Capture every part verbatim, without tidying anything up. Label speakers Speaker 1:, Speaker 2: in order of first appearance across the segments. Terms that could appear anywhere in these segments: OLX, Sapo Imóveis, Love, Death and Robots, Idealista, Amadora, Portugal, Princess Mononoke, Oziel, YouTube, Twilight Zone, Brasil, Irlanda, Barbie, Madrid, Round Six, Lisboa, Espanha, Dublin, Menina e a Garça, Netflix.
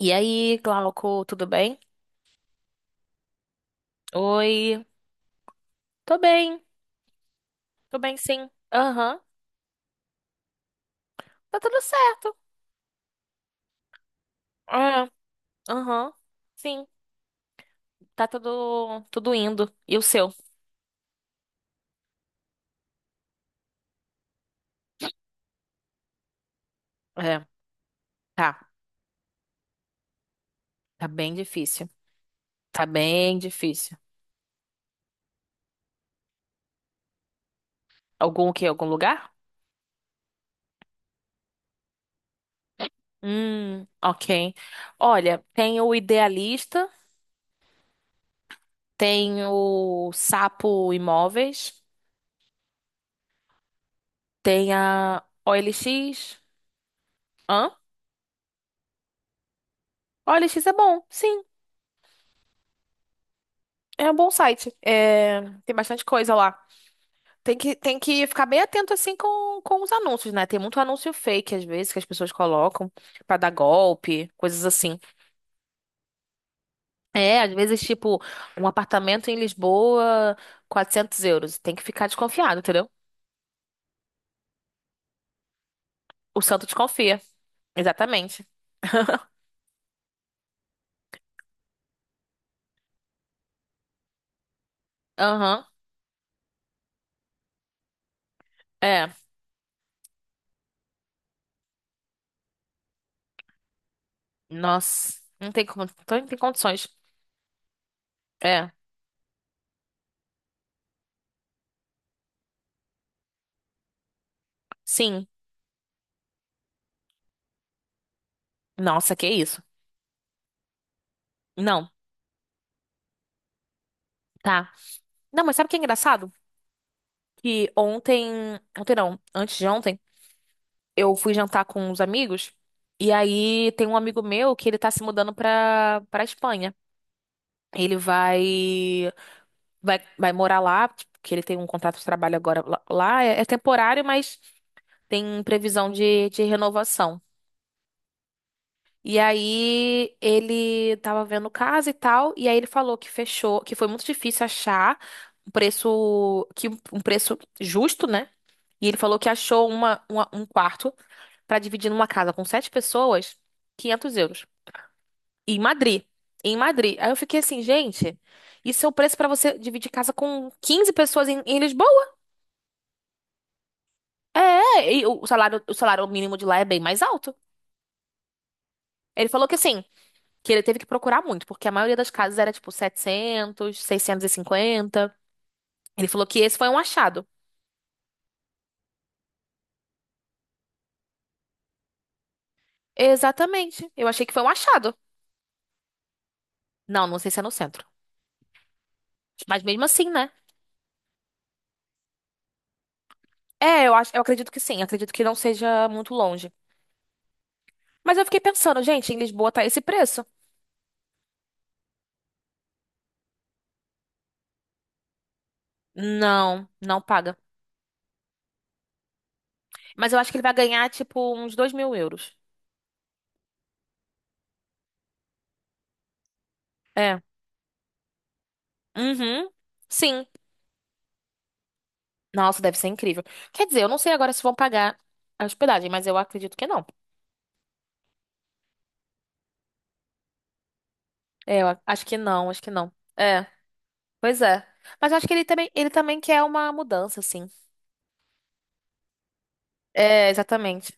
Speaker 1: E aí, Glauco, tudo bem? Oi, tô bem, tô bem sim. Aham, tá tudo certo. É, aham, sim, tá tudo, tudo indo. E o seu? É, tá, tá bem difícil. Tá bem difícil. Algum o quê? Algum lugar? Hum, ok. Olha, tem o Idealista, tem o Sapo Imóveis, tem a O L X. Hã? O L X é bom, sim, é um bom site. É, tem bastante coisa lá. Tem que, tem que ficar bem atento assim com, com os anúncios, né? Tem muito anúncio fake, às vezes, que as pessoas colocam pra dar golpe, coisas assim. É, às vezes, tipo, um apartamento em Lisboa, quatrocentos euros. Tem que ficar desconfiado, entendeu? O santo desconfia. Exatamente. Aham. É. Nossa. Não tem como. Então, não tem condições. É. Sim. Nossa, que isso? Não. Tá. Não, mas sabe o que é engraçado? Que ontem. Ontem não. Antes de ontem. Eu fui jantar com uns amigos e aí tem um amigo meu que ele tá se mudando pra para Espanha. Ele vai, vai vai morar lá, tipo, que ele tem um contrato de trabalho agora lá, lá. é, é temporário, mas tem previsão de, de renovação. E aí ele tava vendo casa e tal, e aí ele falou que fechou, que foi muito difícil achar um preço que um um preço justo, né? E ele falou que achou uma, uma- um quarto pra dividir numa casa com sete pessoas, quinhentos euros. E em Madrid. E em Madrid. Aí eu fiquei assim, gente, isso é o preço pra você dividir casa com quinze pessoas em, em Lisboa? É, é, e o salário, o salário mínimo de lá é bem mais alto. Ele falou que assim, que ele teve que procurar muito, porque a maioria das casas era tipo setecentos, seiscentos e cinquenta. Ele falou que esse foi um achado. Exatamente. Eu achei que foi um achado. Não, não sei se é no centro. Mas mesmo assim, né? É, eu acho, eu acredito que sim. Acredito que não seja muito longe. Mas eu fiquei pensando, gente, em Lisboa tá esse preço? Não, não paga. Mas eu acho que ele vai ganhar, tipo, uns dois mil euros. É. Uhum. Sim. Nossa, deve ser incrível. Quer dizer, eu não sei agora se vão pagar a hospedagem, mas eu acredito que não. É, eu a- acho que não, acho que não. É, pois é. Mas eu acho que ele também, ele também quer uma mudança, assim. É, exatamente.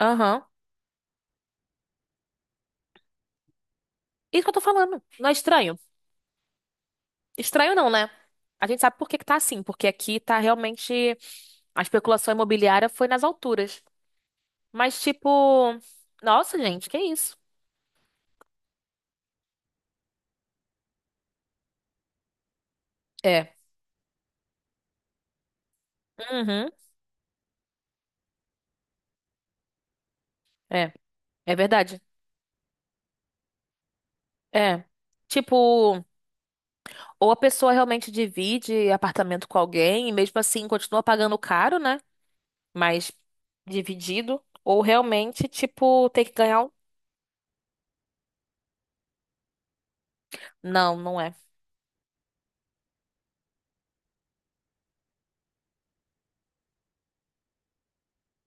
Speaker 1: Aham. Isso que eu tô falando. Não é estranho? Estranho não, né? A gente sabe por que que tá assim, porque aqui tá realmente. A especulação imobiliária foi nas alturas. Mas, tipo, nossa, gente, que isso? É. Uhum. É. É verdade. É. Tipo, ou a pessoa realmente divide apartamento com alguém e mesmo assim continua pagando caro, né? Mas dividido. Ou realmente, tipo, ter que ganhar um. Não, não é.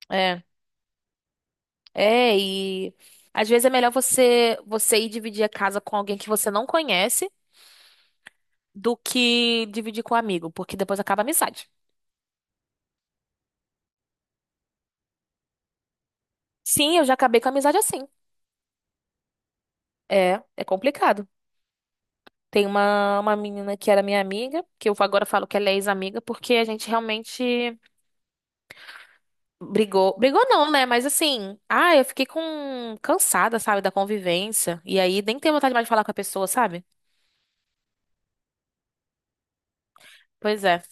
Speaker 1: É. É, e às vezes é melhor você você ir dividir a casa com alguém que você não conhece do que dividir com um amigo, porque depois acaba a amizade. Sim, eu já acabei com a amizade assim. É, é complicado. Tem uma, uma menina que era minha amiga, que eu agora falo que ela é ex-amiga, porque a gente realmente brigou. Brigou não, né? Mas assim, ah, eu fiquei com cansada, sabe, da convivência. E aí nem tenho vontade mais de falar com a pessoa, sabe? Pois é.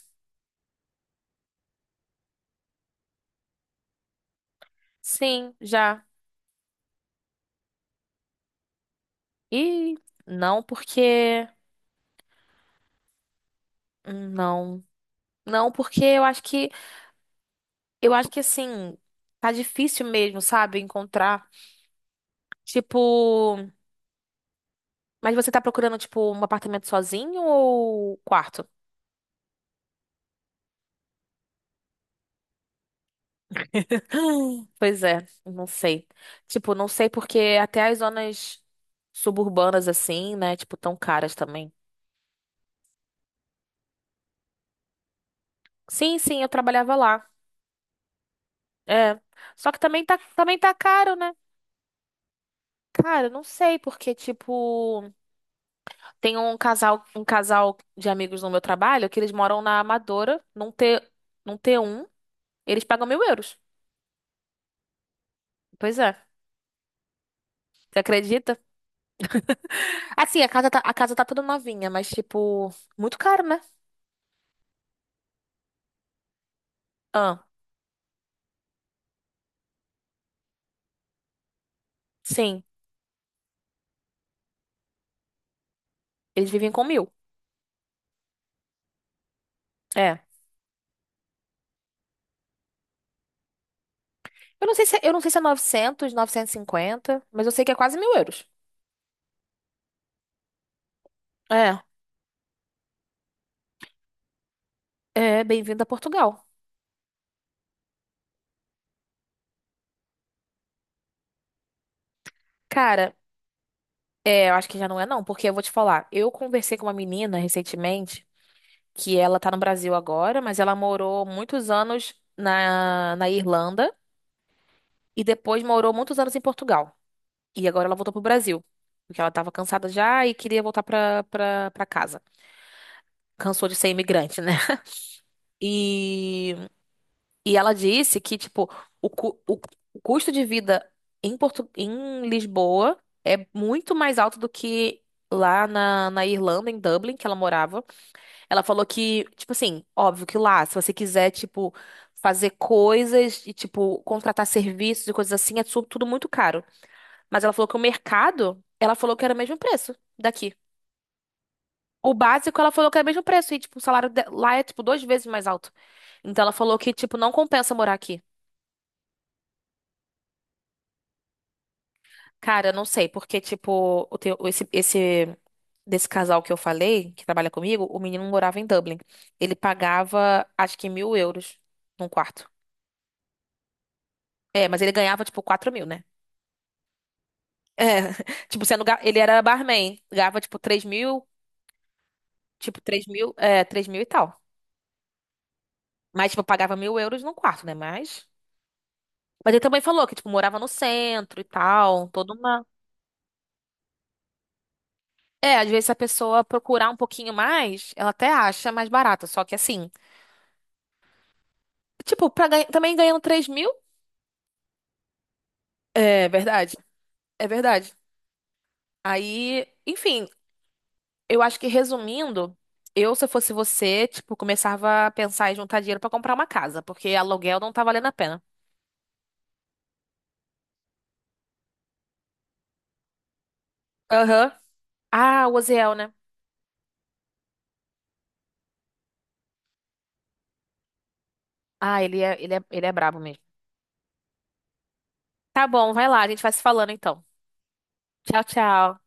Speaker 1: Sim, já. E não porque. Não. Não, porque eu acho que. Eu acho que assim. Tá difícil mesmo, sabe? Encontrar. Tipo. Mas você tá procurando, tipo, um apartamento sozinho ou quarto? Pois é, não sei. Tipo, não sei porque até as zonas suburbanas assim, né, tipo, tão caras também. Sim, sim, eu trabalhava lá. É. Só que também tá, também tá caro, né? Cara, não sei porque tipo, tem um casal, um casal de amigos no meu trabalho que eles moram na Amadora, num T, num T um eles pagam mil euros. Pois é. Você acredita? Assim, a casa tá, a casa tá toda novinha, mas tipo, muito caro, né? Ah, sim, eles vivem com mil. É. Eu não sei se, eu não sei se é novecentos, novecentos e cinquenta, mas eu sei que é quase mil euros. É, é, bem-vindo a Portugal. Cara, é, eu acho que já não é não, porque eu vou te falar, eu conversei com uma menina recentemente, que ela tá no Brasil agora, mas ela morou muitos anos na, na Irlanda e depois morou muitos anos em Portugal. E agora ela voltou pro Brasil, porque ela tava cansada já e queria voltar pra, pra, pra casa. Cansou de ser imigrante, né? E E ela disse que, tipo, o, cu- o, o custo de vida em, Portu em Lisboa é muito mais alto do que lá na, na Irlanda, em Dublin, que ela morava. Ela falou que, tipo assim, óbvio que lá, se você quiser, tipo, fazer coisas e, tipo, contratar serviços e coisas assim, é tudo, tudo muito caro. Mas ela falou que o mercado, ela falou que era o mesmo preço daqui. O básico, ela falou que era o mesmo preço. E, tipo, o salário de- lá é, tipo, duas vezes mais alto. Então, ela falou que, tipo, não compensa morar aqui. Cara, não sei, porque, tipo, o teu- esse, esse desse casal que eu falei, que trabalha comigo, o menino morava em Dublin. Ele pagava, acho que mil euros num quarto. É, mas ele ganhava, tipo, quatro mil, né? É, tipo, sendo, ga- ele era barman, ganhava, tipo, três mil, tipo, três mil, é, três mil e tal. Mas, tipo, pagava mil euros num quarto, né? Mas... Mas ele também falou que, tipo, morava no centro e tal, toda uma... É, às vezes se a pessoa procurar um pouquinho mais, ela até acha mais barato, só que assim... Tipo, pra ganha- também ganhando três mil? É verdade, é verdade. Aí, enfim, eu acho que resumindo, eu, se eu fosse você, tipo, começava a pensar em juntar dinheiro pra comprar uma casa, porque aluguel não tá valendo a pena. Aham. Ah, o Oziel, né? Ah, ele é, ele é, ele é brabo mesmo. Tá bom, vai lá, a gente vai se falando então. Tchau, tchau.